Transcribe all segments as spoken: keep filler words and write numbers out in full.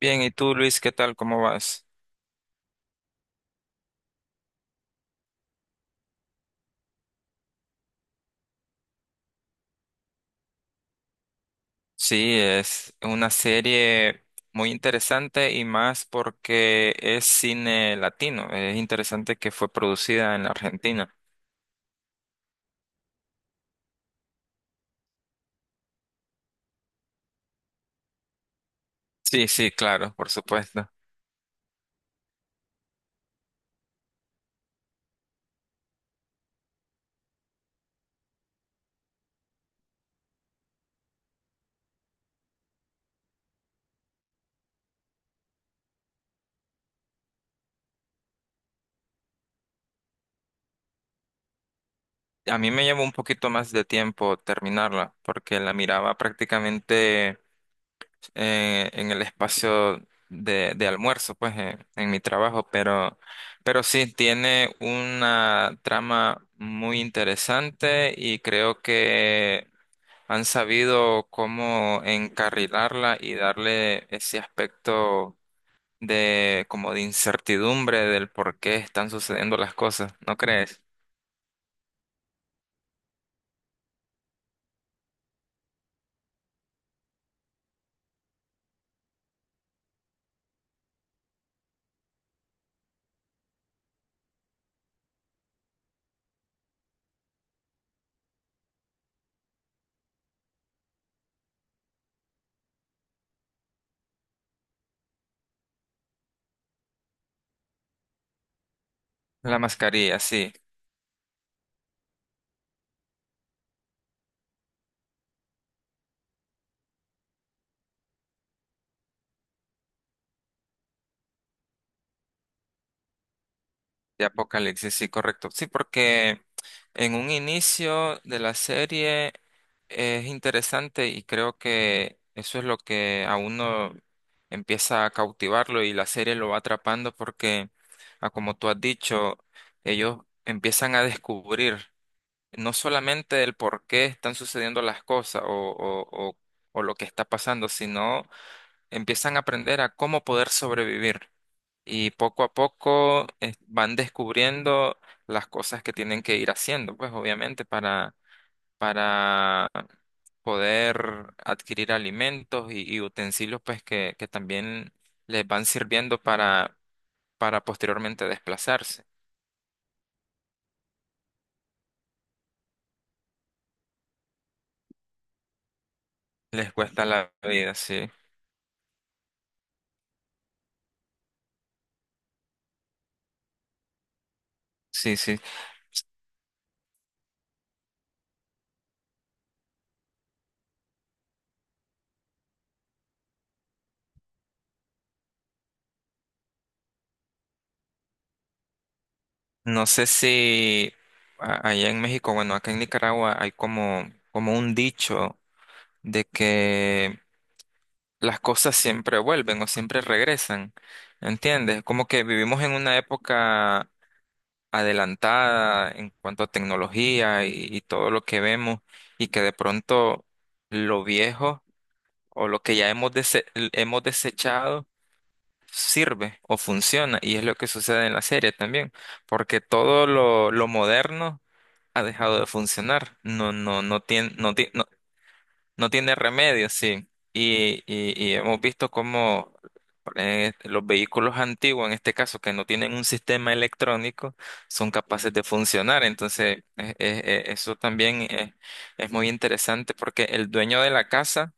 Bien, ¿y tú, Luis, qué tal? ¿Cómo vas? Sí, es una serie muy interesante y más porque es cine latino. Es interesante que fue producida en la Argentina. Sí, sí, claro, por supuesto. A mí me llevó un poquito más de tiempo terminarla porque la miraba prácticamente eh, en el espacio de, de almuerzo, pues eh, en mi trabajo, pero, pero sí tiene una trama muy interesante y creo que han sabido cómo encarrilarla y darle ese aspecto de como de incertidumbre del por qué están sucediendo las cosas, ¿no crees? La mascarilla, sí. De Apocalipsis, sí, correcto. Sí, porque en un inicio de la serie es interesante y creo que eso es lo que a uno empieza a cautivarlo y la serie lo va atrapando porque, ah, como tú has dicho, ellos empiezan a descubrir no solamente el por qué están sucediendo las cosas o, o o- o lo que está pasando, sino empiezan a aprender a cómo poder sobrevivir y poco a poco eh, van descubriendo las cosas que tienen que ir haciendo, pues obviamente para, para poder adquirir alimentos y, y utensilios pues que, que también les van sirviendo para, para posteriormente desplazarse. Les cuesta la vida, sí, sí, sí. No sé si a- allá en México, bueno, acá en Nicaragua hay como, como un dicho de que las cosas siempre vuelven o siempre regresan, ¿entiendes? Como que vivimos en una época adelantada en cuanto a tecnología y, y todo lo que vemos y que de pronto lo viejo o lo que ya hemos, dese- hemos desechado sirve o funciona y es lo que sucede en la serie también, porque todo lo, lo moderno ha dejado de funcionar, no, no, no tiene, no, ti- no, no tiene remedio, sí. Y, y, y hemos visto cómo eh, los vehículos antiguos, en este caso, que no tienen un sistema electrónico, son capaces de funcionar. Entonces, eh, eh, eh, eso también eh, es muy interesante porque el dueño de la casa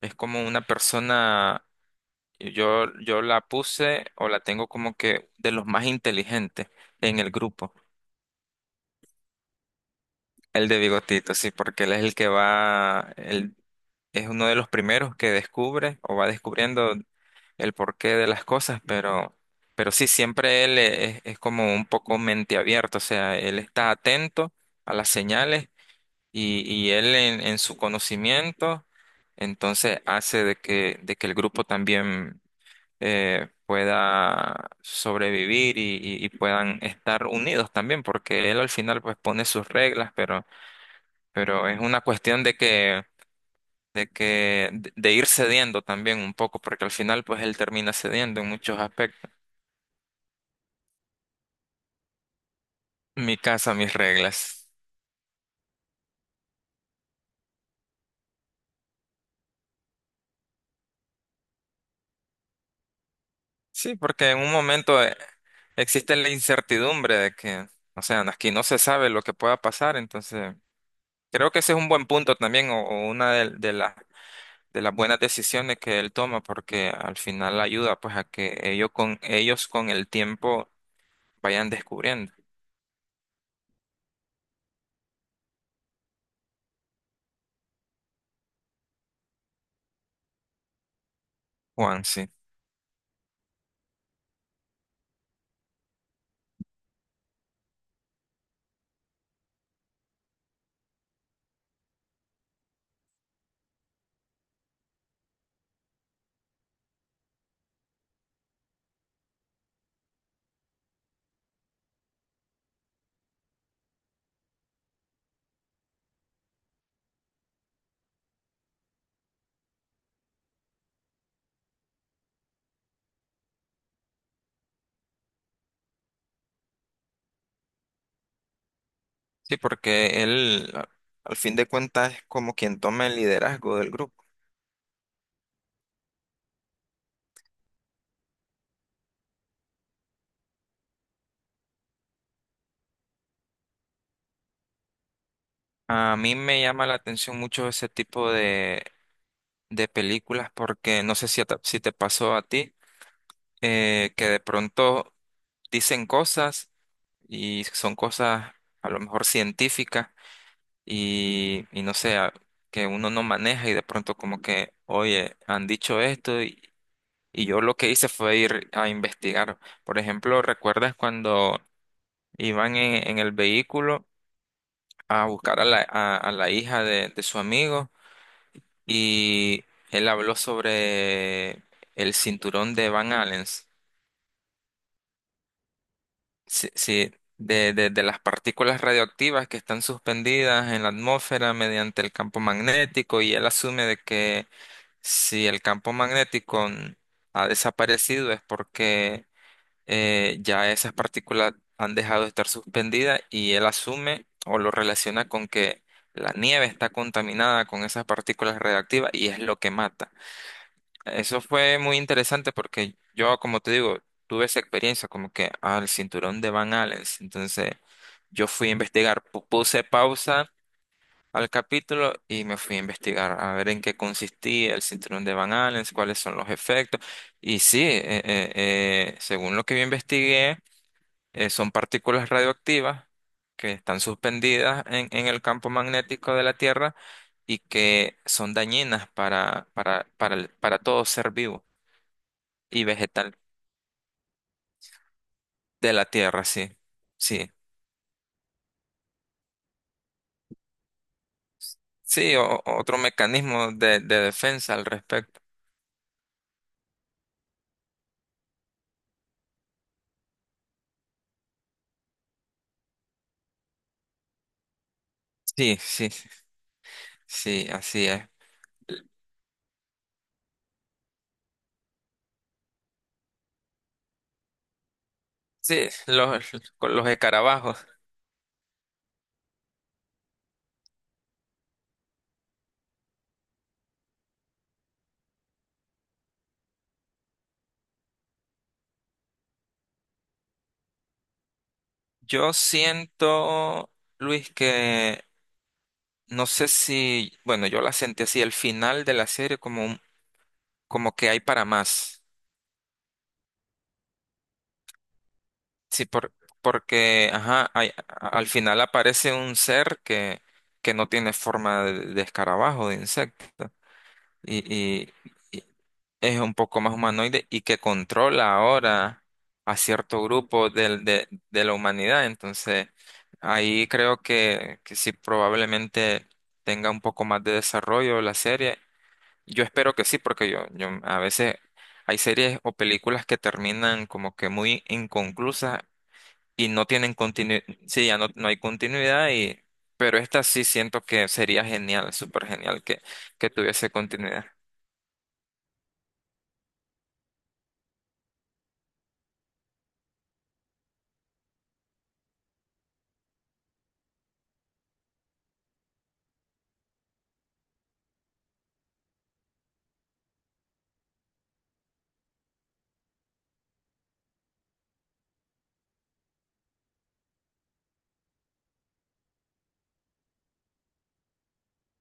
es como una persona, yo, yo la puse o la tengo como que de los más inteligentes en el grupo. El de bigotito, sí, porque él es el que va, el, es uno de los primeros que descubre o va descubriendo el porqué de las cosas, pero, pero sí, siempre él es, es como un poco mente abierta, o sea, él está atento a las señales y, y él en, en su conocimiento, entonces hace de que, de que el grupo también eh, pueda sobrevivir y, y- y puedan estar unidos también, porque él al final pues pone sus reglas, pero, pero es una cuestión de que de que de, de ir cediendo también un poco, porque al final pues él termina cediendo en muchos aspectos. Mi casa, mis reglas. Sí, porque en un momento eh, existe la incertidumbre de que, o sea, aquí no se sabe lo que pueda pasar, entonces creo que ese es un buen punto también o, o una de, de las de las buenas decisiones que él toma, porque al final ayuda pues a que ellos con ellos con el tiempo vayan descubriendo. Juan, sí. Sí, porque él, a- al fin de cuentas, es como quien toma el liderazgo del grupo. A mí me llama la atención mucho ese tipo de, de películas porque no sé si, a ta- si te pasó a ti, eh, que de pronto dicen cosas y son cosas a lo mejor científicas y, y no sé, a- que uno no maneja y de pronto como que, oye, han dicho esto y, y yo lo que hice fue ir a investigar. Por ejemplo, ¿recuerdas cuando iban en, en el vehículo a buscar a la, a, a la hija de, de su amigo y él habló sobre el cinturón de Van Allen, sí, sí, de, de, de las partículas radioactivas que están suspendidas en la atmósfera mediante el campo magnético y él asume de que si el campo magnético ha desaparecido es porque eh, ya esas partículas han dejado de estar suspendidas y él asume o lo relaciona con que la nieve está contaminada con esas partículas radiactivas y es lo que mata. Eso fue muy interesante porque yo, como te digo, tuve esa experiencia como que al cinturón de Van Allen. Entonces yo fui a investigar, pu- puse pausa al capítulo y me fui a investigar a ver en qué consistía el cinturón de Van Allen, cuáles son los efectos. Y sí, eh, eh, eh, según lo que yo investigué, eh, son partículas radioactivas que están suspendidas en, en el campo magnético de la Tierra y que son dañinas para, para, para, el- para todo ser vivo y vegetal de la Tierra, sí. Sí, sí, o- o- otro mecanismo de, de defensa al respecto. Sí, sí, sí, así es. Sí, los, con los escarabajos. Yo siento, Luis, que no sé si, bueno, yo la sentí así, el final de la serie como un, como que hay para más. Sí, por, porque, ajá, hay- a- al final aparece un ser que, que no tiene forma de, de escarabajo, de insecto, y, y- y es un poco más humanoide y que controla ahora a cierto grupo del- de, de la humanidad. Entonces, ahí creo que, que sí, probablemente tenga un poco más de desarrollo la serie. Yo espero que sí, porque yo, yo a veces hay series o películas que terminan como que muy inconclusas y no tienen continuidad, sí, ya no, no hay continuidad y, pero esta sí siento que sería genial, súper genial que, que tuviese continuidad.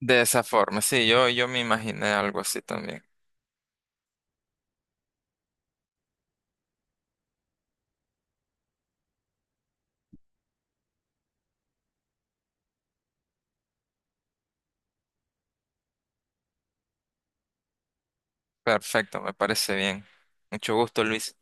De esa forma, sí, yo, yo me imaginé algo así también. Perfecto, me parece bien. Mucho gusto, Luis.